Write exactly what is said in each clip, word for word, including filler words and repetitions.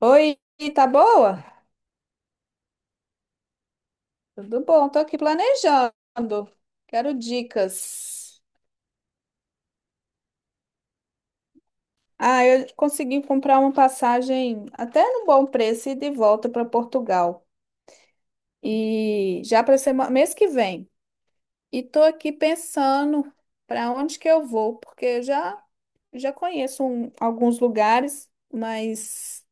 Oi, tá boa? Tudo bom, tô aqui planejando. Quero dicas. Ah, eu consegui comprar uma passagem até no bom preço e de volta para Portugal. E já para semana, mês que vem. E tô aqui pensando para onde que eu vou, porque eu já já conheço um- alguns lugares, mas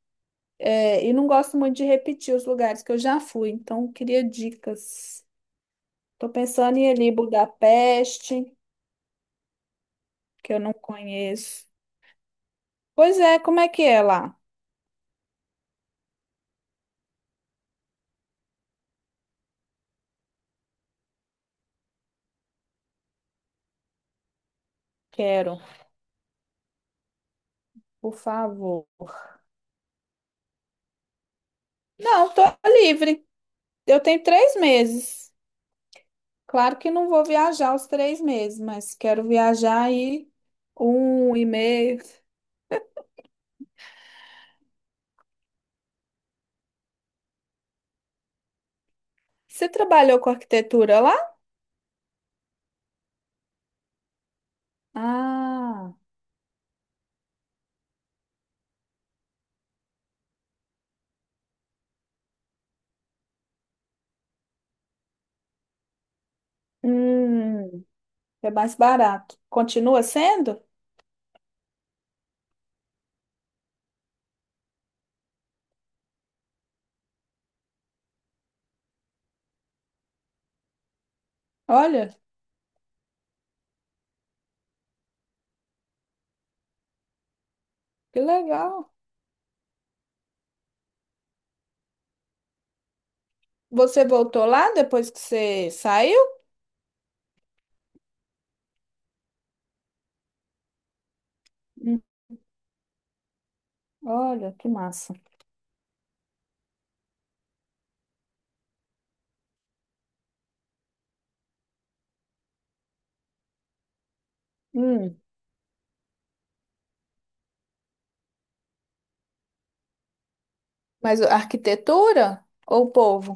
é, e não gosto muito de repetir os lugares que eu já fui, então eu queria dicas. Tô pensando em ir ali em Budapeste que eu não conheço. Pois é, como é que é lá? Quero, por favor. Não, tô livre. Eu tenho três meses. Claro que não vou viajar os três meses, mas quero viajar aí um um e meio. Você trabalhou com arquitetura lá? Ah, hum, é mais barato. Continua sendo? Olha, que legal. Você voltou lá depois que você saiu? Hum, olha, que massa. Hum. Mas a arquitetura ou o povo?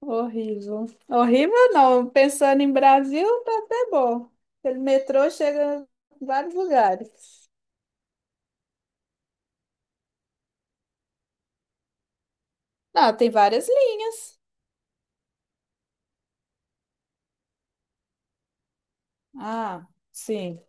Horrível. Horrível não. Pensando em Brasil, tá até bom. Pelo metrô chega em vários lugares. Ah, tem várias linhas. Ah, sim.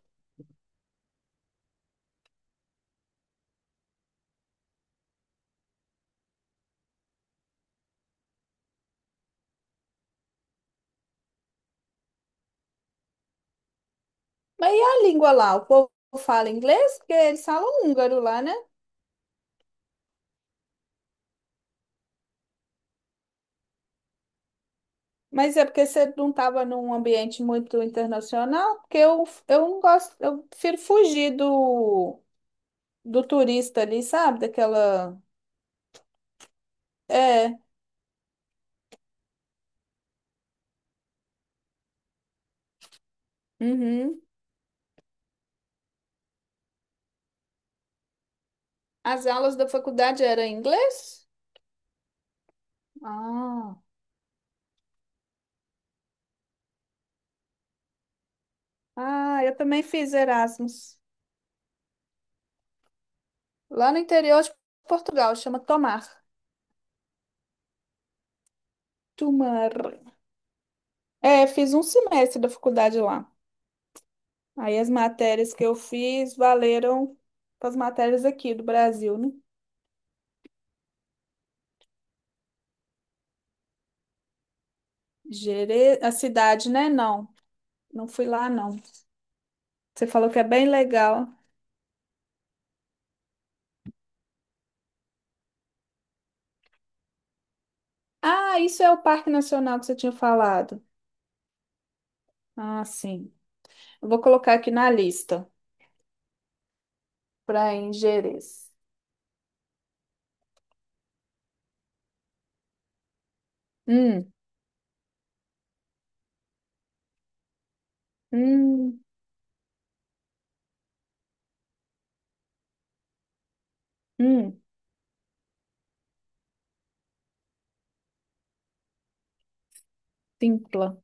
Mas e a língua lá? O povo fala inglês? Porque eles falam húngaro lá, né? Mas é porque você não estava num ambiente muito internacional, porque eu, eu não gosto, eu prefiro fugir do, do turista ali, sabe? Daquela. É. Uhum. As aulas da faculdade eram em inglês? Ah, ah, eu também fiz Erasmus. Lá no interior de Portugal, chama Tomar. Tomar. É, fiz um semestre da faculdade lá. Aí as matérias que eu fiz valeram para as matérias aqui do Brasil, né? Gere... A cidade, né? Não, não fui lá, não. Você falou que é bem legal. Ah, isso é o Parque Nacional que você tinha falado. Ah, sim. Eu vou colocar aqui na lista para em Gerês. Hum, hum. Simpla.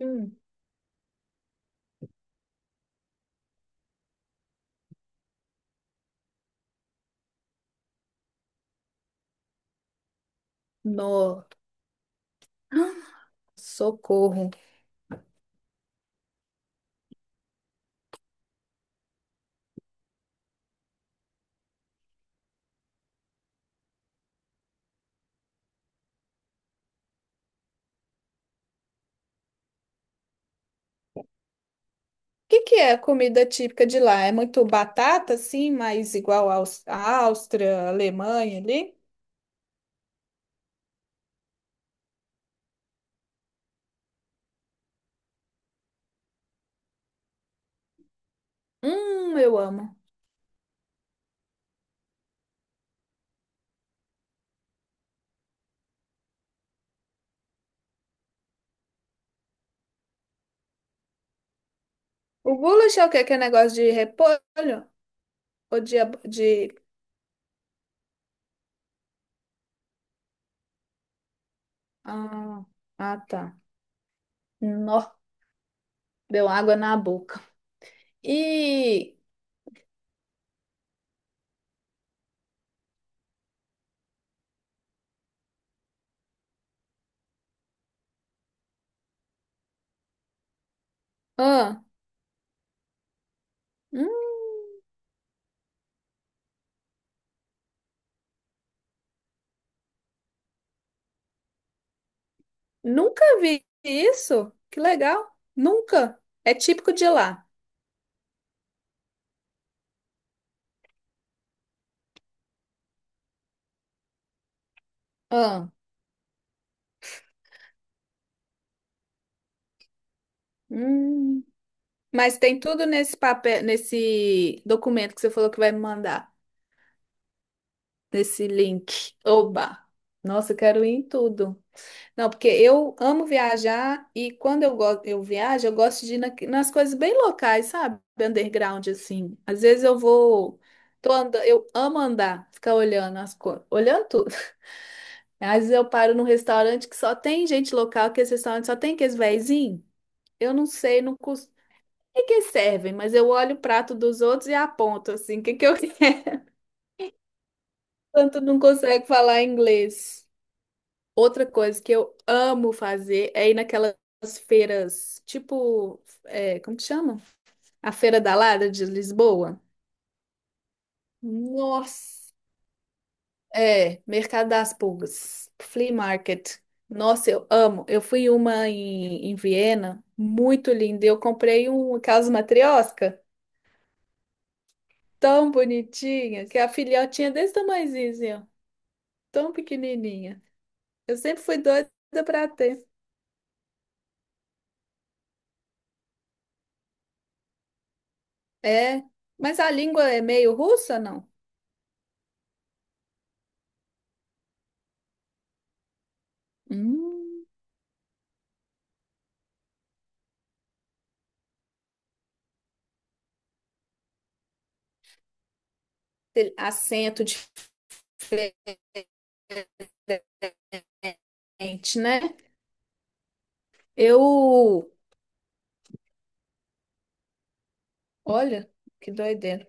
Hum, no, socorro. O que que é a comida típica de lá? É muito batata, assim, mas igual aos- à Áustria, Alemanha ali? Hum, eu amo. O goulash é o quê? Que é negócio de repolho? Ou de... ab- de... Ah, ah, tá. Nó, deu água na boca. E... Ah, hum, nunca vi isso. Que legal. Nunca. É típico de lá. Ah, hum. Mas tem tudo nesse papel, nesse documento que você falou que vai me mandar, nesse link. Oba! Nossa, eu quero ir em tudo. Não, porque eu amo viajar e quando eu, go- eu viajo, eu gosto de ir na- nas coisas bem locais, sabe? Underground, assim. Às vezes eu vou. Tô andando, eu amo andar, ficar olhando as coisas, olhando tudo. Às vezes eu paro num restaurante que só tem gente local, que esse restaurante só tem aqueles vezinhos. Eu não sei, não, E que servem, mas eu olho o prato dos outros e aponto assim, o que que eu quero? Tanto não consegue falar inglês. Outra coisa que eu amo fazer é ir naquelas feiras, tipo, é, como que chama? A Feira da Lada de Lisboa. Nossa, é, Mercado das Pulgas, Flea Market. Nossa, eu amo. Eu fui uma em, em Viena, muito linda. Eu comprei um caso matrioska tão bonitinha, que a filhotinha é desse tamanhozinho, assim, ó. Tão pequenininha. Eu sempre fui doida para ter. É, mas a língua é meio russa, não? Hum, tem acento diferente, né? Eu, olha, que doideira.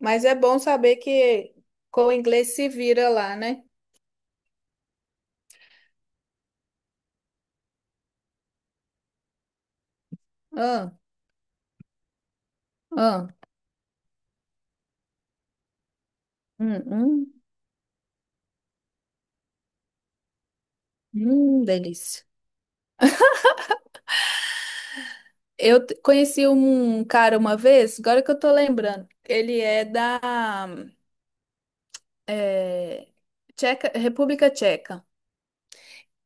Mas é bom saber que com o inglês se vira lá, né? Ah, ah, hum, hum, hum, delícia. Eu t- conheci um cara uma vez, agora que eu tô lembrando. Ele é da é, Tcheca, República Tcheca.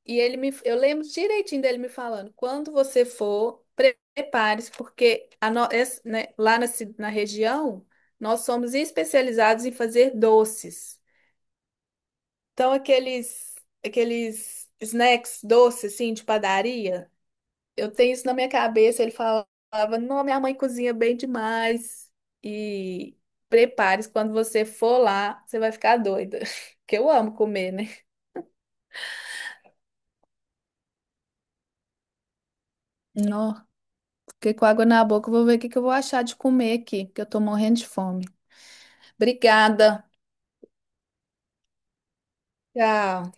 E ele me, eu lembro direitinho dele me falando, quando você for, pre- prepare-se, porque a no- es- né, lá na, ci- na região, nós somos especializados em fazer doces. Então, aqueles, aqueles snacks doces, assim, de padaria, eu tenho isso na minha cabeça. Ele falava, não, minha mãe cozinha bem demais. E prepare-se, quando você for lá, você vai ficar doida. Porque eu amo comer, né? Nó. Fiquei com água na boca. Vou ver o que que eu vou achar de comer aqui, que eu tô morrendo de fome. Obrigada. Tchau.